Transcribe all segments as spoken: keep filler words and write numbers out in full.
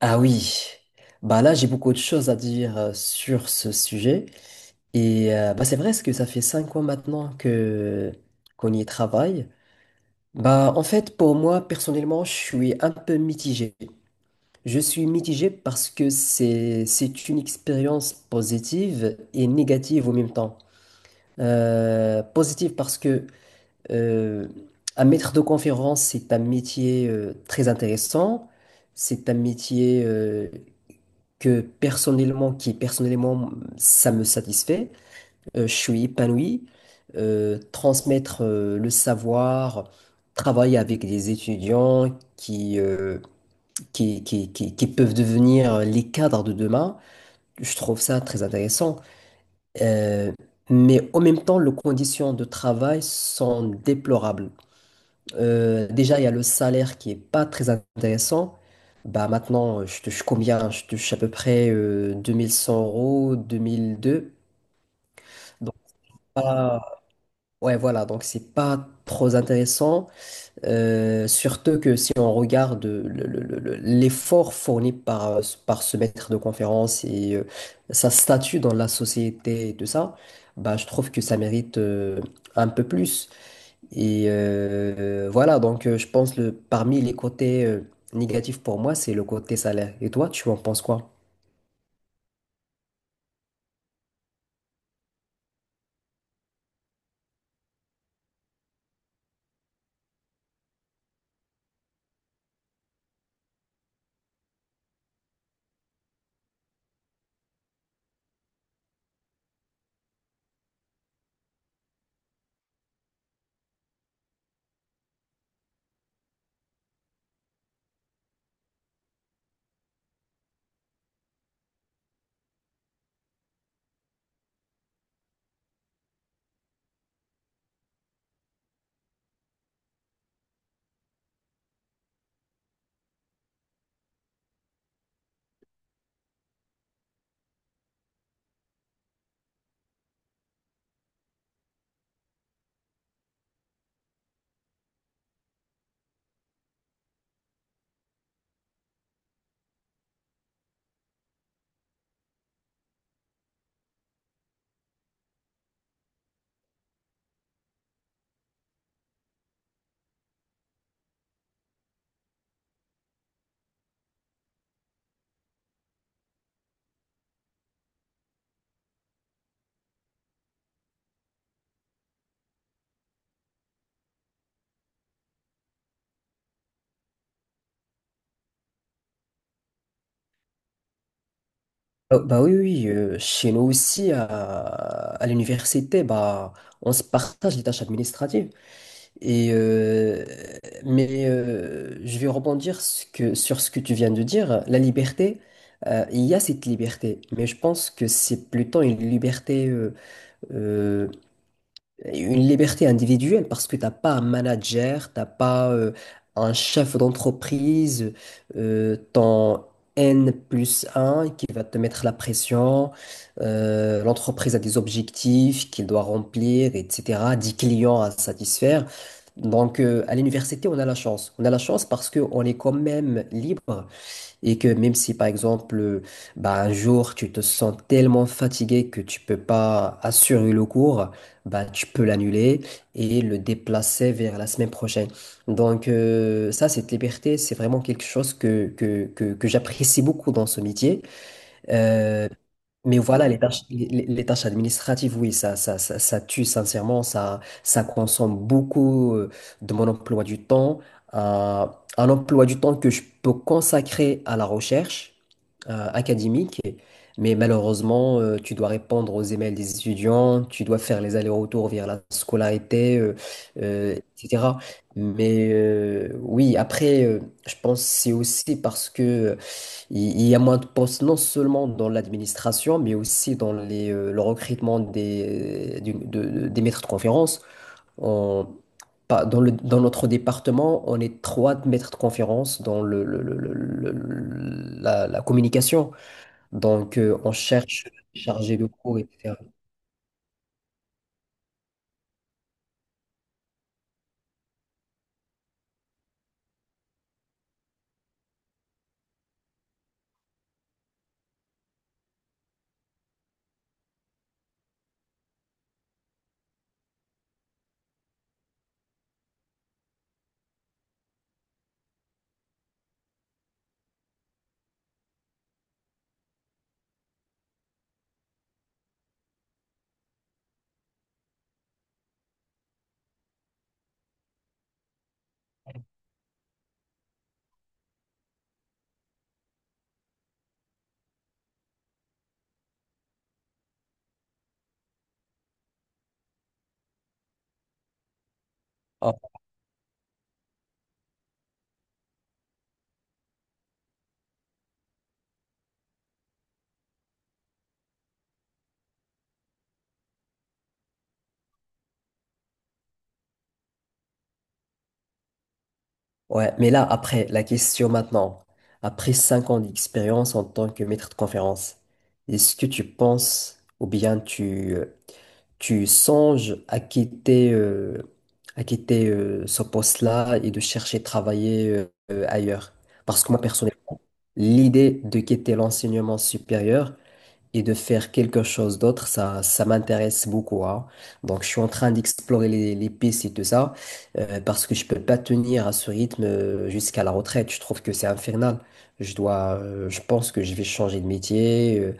Ah oui, bah là j'ai beaucoup de choses à dire euh, sur ce sujet et euh, bah c'est vrai parce que ça fait cinq ans maintenant que qu'on y travaille. Bah en fait pour moi personnellement je suis un peu mitigé. Je suis mitigé parce que c'est c'est une expérience positive et négative au même temps. Euh, positive parce que euh, un maître de conférence c'est un métier euh, très intéressant, c'est un métier euh, que personnellement, qui personnellement, ça me satisfait, euh, je suis épanoui, euh, transmettre euh, le savoir, travailler avec des étudiants qui, euh, qui, qui, qui, qui peuvent devenir les cadres de demain, je trouve ça très intéressant. Euh, mais en même temps, les conditions de travail sont déplorables. Euh, déjà, il y a le salaire qui est pas très intéressant. Bah, maintenant, euh, je touche combien? Je touche à peu près euh, deux mille cent euros, deux mille deux. Donc, pas... ouais, voilà. Donc, c'est pas trop intéressant. Euh, surtout que si on regarde le- le- le- le- l'effort fourni par, euh, par ce maître de conférence et euh, sa statut dans la société et tout ça, bah, je trouve que ça mérite euh, un peu plus. Et euh, voilà, donc euh, je pense le parmi les côtés euh, négatifs pour moi, c'est le côté salaire. Et toi, tu en penses quoi? Oh, bah oui, oui, euh, chez nous aussi, à, à l'université, bah, on se partage les tâches administratives. Et, euh, mais euh, je vais rebondir ce que- sur ce que tu viens de dire. La liberté, euh, il y a cette liberté, mais je pense que c'est plutôt une liberté euh, euh, une liberté individuelle parce que t'as pas un manager, t'as pas euh, un chef d'entreprise, euh, ton N plus un qui va te mettre la pression, euh, l'entreprise a des objectifs qu'il doit remplir, et cetera, dix clients à satisfaire. Donc euh, à l'université, on a la chance. On a la chance parce qu'on est quand même libre et que même si par exemple, euh, bah, un jour tu te sens tellement fatigué que tu peux pas assurer le cours, bah, tu peux l'annuler et le déplacer vers la semaine prochaine. Donc euh, ça, cette liberté, c'est vraiment quelque chose que, que, que, que j'apprécie beaucoup dans ce métier. Euh, mais voilà, les tâches, les, les- les tâches administratives, oui, ça, ça, ça, ça tue sincèrement, ça, ça consomme beaucoup euh, de mon emploi du temps, un, un emploi du temps que je peux consacrer à la recherche euh, académique, mais malheureusement, euh, tu dois répondre aux emails des étudiants, tu dois faire les allers-retours vers la scolarité, euh, euh, et cetera. Mais euh, oui, après, euh, je pense que c'est aussi parce que il il y a moins de postes non seulement dans l'administration, mais aussi dans les, euh, le recrutement des, du- de- des maîtres de conférence. On- pas- dans le- dans notre département, on est trois maîtres de conférence dans le, le- le- le- le- le- la, la communication. Donc, euh, on cherche chargé de cours, et cetera. Ah, ouais, mais là, après, la question maintenant, après cinq ans d'expérience en tant que maître de conférence, est-ce que tu penses ou bien tu... euh, tu songes à quitter, euh, à quitter euh, ce poste-là et de chercher à travailler euh, euh, ailleurs. Parce que moi, personnellement, l'idée de quitter l'enseignement supérieur, et de faire quelque chose d'autre, ça, ça m'intéresse beaucoup. Hein. Donc, je suis en train d'explorer les, les pistes et tout ça, euh, parce que je peux pas tenir à ce rythme euh, jusqu'à la retraite. Je trouve que c'est infernal. Je dois, euh, je pense que je vais changer de métier, euh,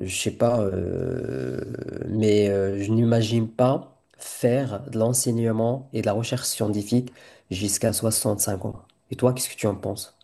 je sais pas, euh, mais euh, je n'imagine pas faire de l'enseignement et de la recherche scientifique jusqu'à soixante-cinq ans. Et toi, qu'est-ce que tu en penses?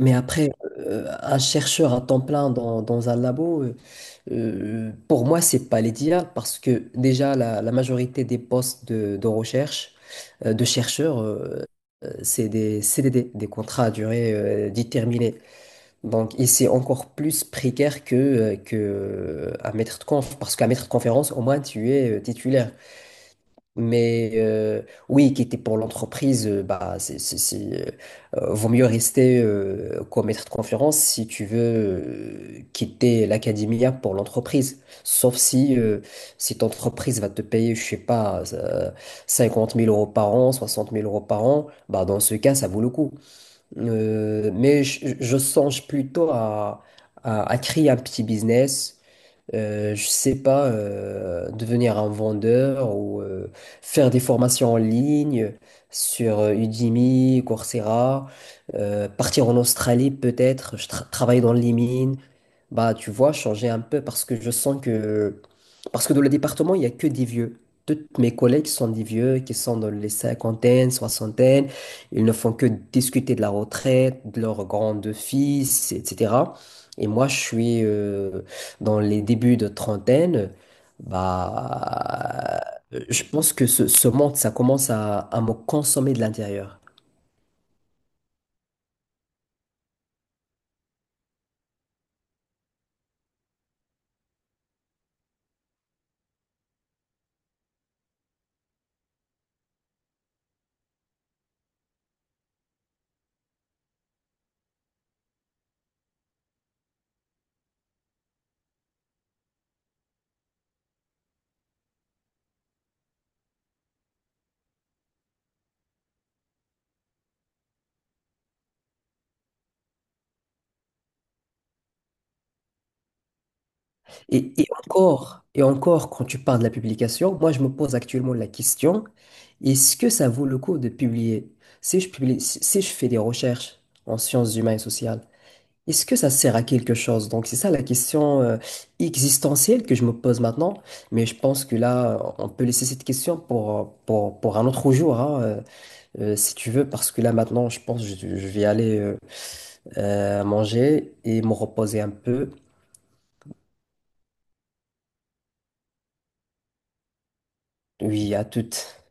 Mais après, euh, un chercheur à temps plein dans, dans un labo, euh, euh, pour moi, c'est pas l'idéal parce que déjà, la, la majorité des postes de, de recherche, euh, de chercheurs, euh, euh, c'est des C D D, des contrats à durée euh, déterminée. Donc, et c'est encore plus précaire que, euh, que euh, un maître de conf parce qu'un maître de conférence, au moins, tu es euh, titulaire. Mais euh, oui, quitter pour l'entreprise, euh, bah, c'est, c'est, c'est, euh, euh, vaut mieux rester euh, comme maître de conférence si tu veux euh, quitter l'académia pour l'entreprise. Sauf si euh, cette entreprise va te payer, je sais pas, euh, cinquante mille euros par an, soixante mille euros par an, bah, dans ce cas, ça vaut le coup. Euh, mais je, je songe plutôt à, à, à créer un petit business euh, je sais pas, euh, devenir un vendeur ou euh, faire des formations en ligne sur euh, Udemy, Coursera, euh, partir en Australie peut-être, je tra- travailler dans les mines, bah, tu vois, changer un peu parce que je sens que... Parce que dans le département, il n'y a que des vieux. Toutes mes collègues sont des vieux qui sont dans les cinquantaines, soixantaines. Ils ne font que discuter de la retraite, de leurs grands-fils, et cetera. Et moi, je suis euh, dans les débuts de trentaine. Bah, je pense que ce, ce monde, ça commence à, à me consommer de l'intérieur. Et, et encore, et encore, quand tu parles de la publication, moi je me pose actuellement la question, est-ce que ça vaut le coup de publier? Si je publie, si si je fais des recherches en sciences humaines et sociales, est-ce que ça sert à quelque chose? Donc c'est ça la question euh, existentielle que je me pose maintenant, mais je pense que là, on peut laisser cette question pour, euh, pour, pour un autre jour, hein, euh, euh, si tu veux, parce que là maintenant, je pense que je, je vais aller euh, euh, manger et me reposer un peu. Oui, à toutes.